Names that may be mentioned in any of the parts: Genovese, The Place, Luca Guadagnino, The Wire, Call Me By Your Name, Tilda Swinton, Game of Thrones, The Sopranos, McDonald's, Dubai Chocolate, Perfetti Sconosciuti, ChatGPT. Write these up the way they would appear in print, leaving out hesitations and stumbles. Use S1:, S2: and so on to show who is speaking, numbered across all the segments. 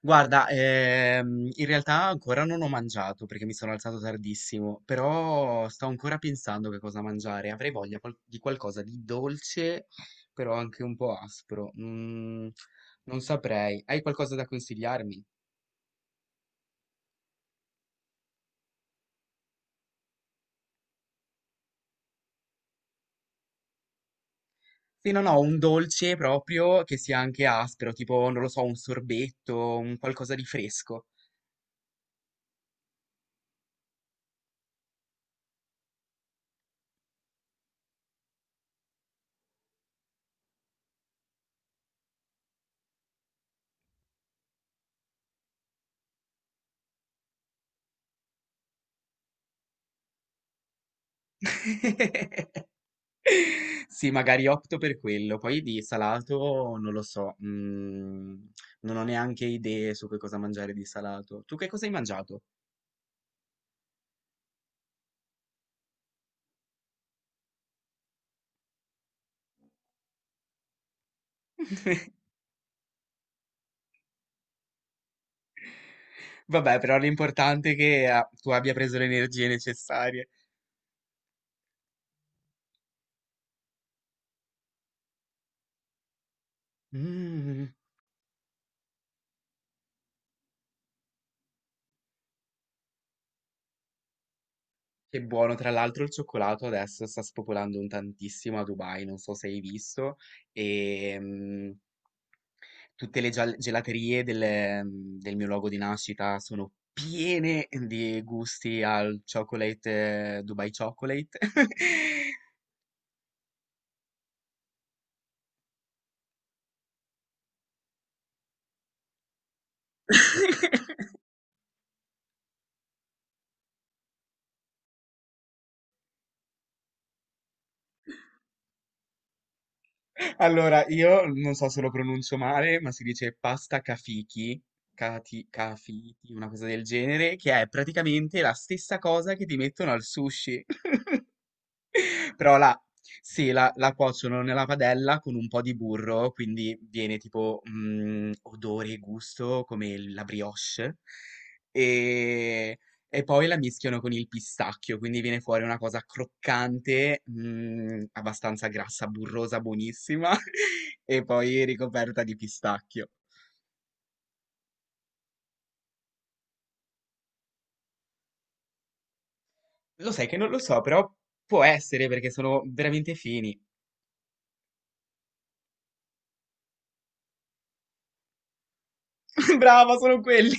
S1: Guarda, in realtà ancora non ho mangiato perché mi sono alzato tardissimo, però sto ancora pensando che cosa mangiare. Avrei voglia di qualcosa di dolce, però anche un po' aspro. Non saprei. Hai qualcosa da consigliarmi? Sì, no, no, un dolce proprio che sia anche aspro, tipo, non lo so, un sorbetto, un qualcosa di fresco. Sì, magari opto per quello. Poi di salato non lo so, non ho neanche idee su che cosa mangiare di salato. Tu che cosa hai mangiato? Vabbè, però l'importante è che tu abbia preso le energie necessarie. Mm, che buono, tra l'altro il cioccolato adesso sta spopolando un tantissimo a Dubai, non so se hai visto, e, tutte le gelaterie del mio luogo di nascita sono piene di gusti al chocolate, Dubai Chocolate. Allora, io non so se lo pronuncio male, ma si dice pasta kafiki, kati, kafiti, una cosa del genere, che è praticamente la stessa cosa che ti mettono al sushi. Però la sì, la la cuociono nella padella con un po' di burro, quindi viene tipo, mhmm, odore e gusto come il la brioche, ehm, e poi la mischiano con il pistacchio, quindi viene fuori una cosa croccante, mhmm, abbastanza grassa, burrosa, buonissima e poi ricoperta di pistacchio. Lo sai che non lo so, però può essere perché sono veramente fini. Brava, sono quelli!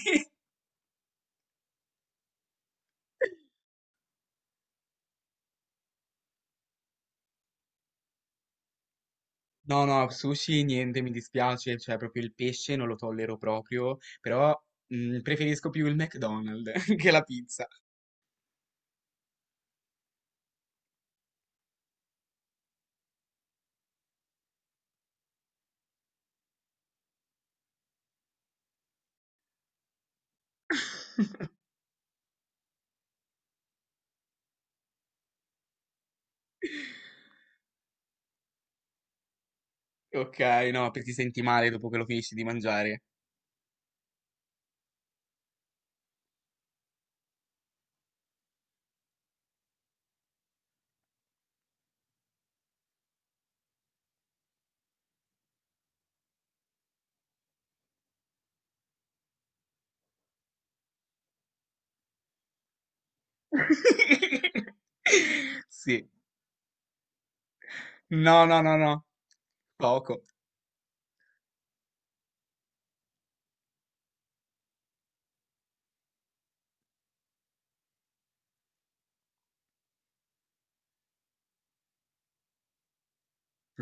S1: No, no, sushi niente, mi dispiace, cioè proprio il pesce non lo tollero proprio, però preferisco più il McDonald's che la pizza. Ok, no, perché ti senti male dopo che lo finisci di mangiare. Sì. No, no, no, no. Poco.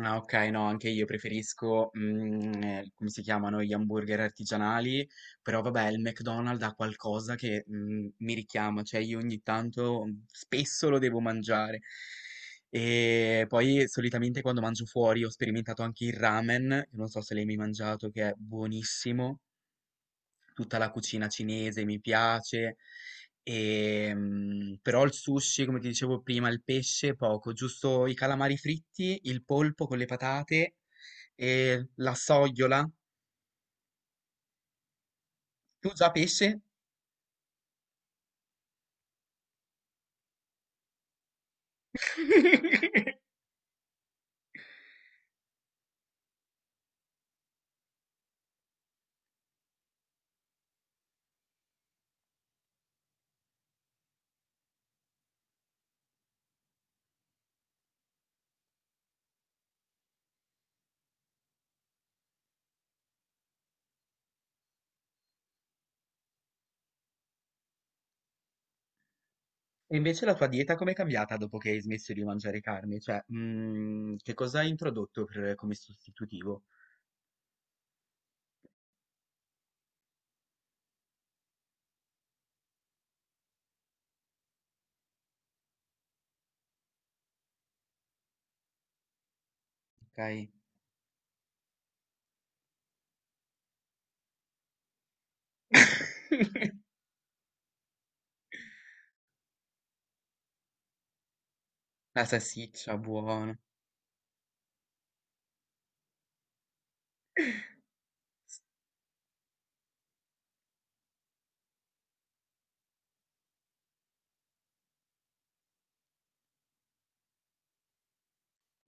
S1: Ah, okay, no, anche io preferisco, come si chiamano, gli hamburger artigianali, però vabbè il McDonald's ha qualcosa che, mhmm, mi richiama, cioè io ogni tanto spesso lo devo mangiare. E poi solitamente quando mangio fuori ho sperimentato anche il ramen, che non so se l'hai mai mangiato, che è buonissimo. Tutta la cucina cinese mi piace, però il sushi, come ti dicevo prima, il pesce poco, giusto i calamari fritti, il polpo con le patate e la sogliola. Tu già pesce? E invece la tua dieta com'è cambiata dopo che hai smesso di mangiare carne? Cioè, che cosa hai introdotto come sostitutivo? Ok. La salsiccia, buona.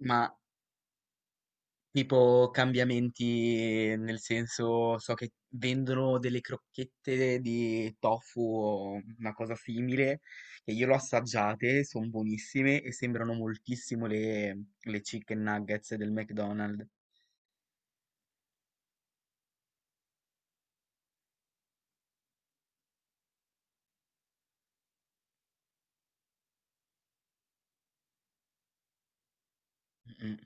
S1: Ma tipo cambiamenti nel senso, so che vendono delle crocchette di tofu o una cosa simile, che io l'ho assaggiate, sono buonissime e sembrano moltissimo le chicken nuggets del McDonald's. Mm,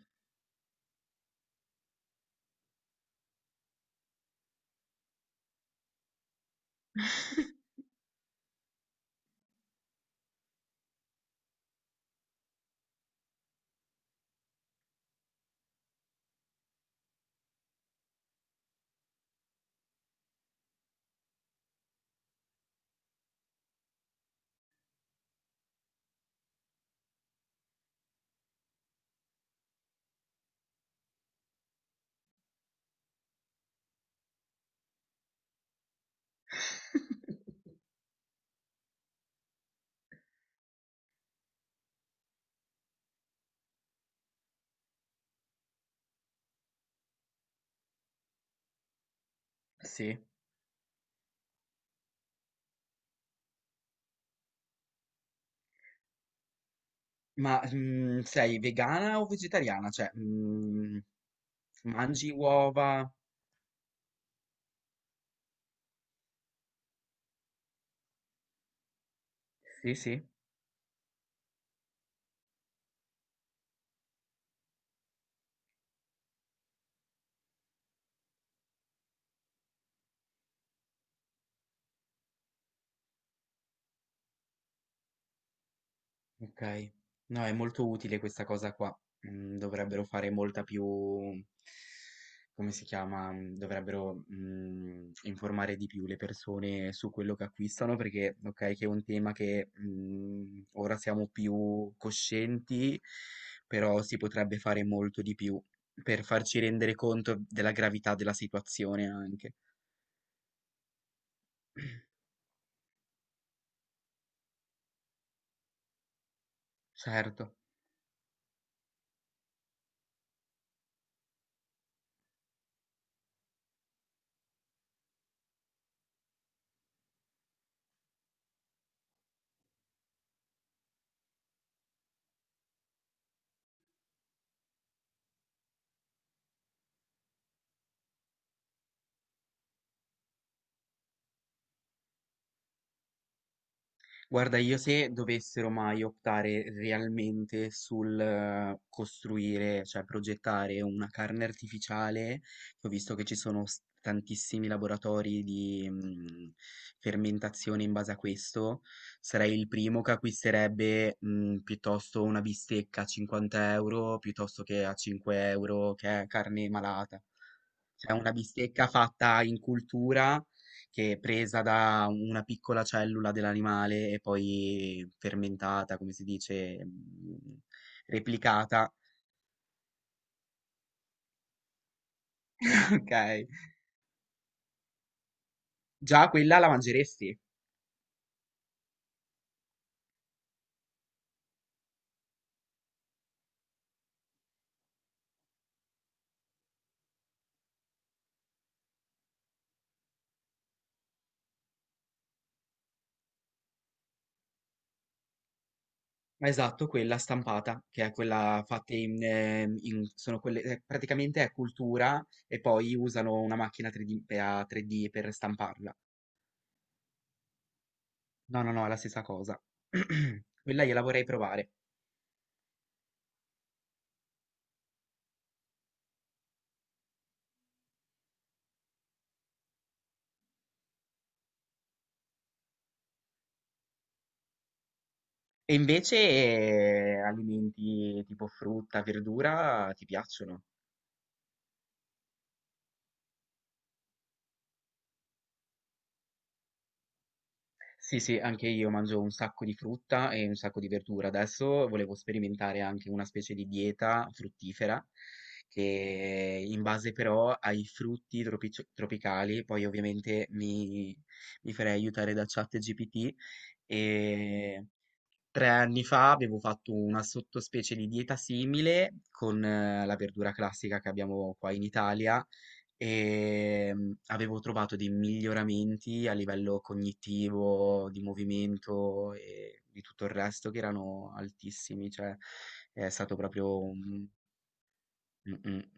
S1: sì. Ma sei vegana o vegetariana? Cioè, mangi uova? Sì, sì. Ok, no, è molto utile questa cosa qua. Mm, dovrebbero fare molta più, come si chiama? Mm, dovrebbero informare di più le persone su quello che acquistano perché, ok, che è un tema che ora siamo più coscienti, però si potrebbe fare molto di più per farci rendere conto della gravità della situazione anche. Certo. Guarda, io se dovessero mai optare realmente sul costruire, cioè progettare una carne artificiale, che ho visto che ci sono tantissimi laboratori di fermentazione in base a questo, sarei il primo che acquisterebbe piuttosto una bistecca a 50 euro piuttosto che a 5 euro che è carne malata. C'è una bistecca fatta in cultura che è presa da una piccola cellula dell'animale e poi fermentata, come si dice, replicata. Ok. Già quella la mangeresti. Esatto, quella stampata, che è quella fatta in, sono quelle, praticamente è cultura e poi usano una macchina 3D, a 3D per stamparla. No, no, no, è la stessa cosa. Quella gliela vorrei provare. E invece alimenti tipo frutta, verdura ti piacciono? Sì, sì, anche io mangio un sacco di frutta e un sacco di verdura. Adesso volevo sperimentare anche una specie di dieta fruttifera che in base però ai tropicali, poi ovviamente mi farei aiutare da ChatGPT e 3 anni fa avevo fatto una sottospecie di dieta simile con la verdura classica che abbiamo qua in Italia e avevo trovato dei miglioramenti a livello cognitivo, di movimento e di tutto il resto che erano altissimi, cioè è stato proprio... un-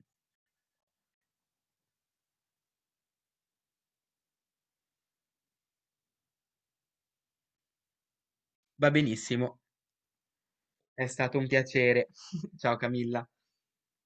S1: va benissimo, è stato un piacere. Ciao Camilla.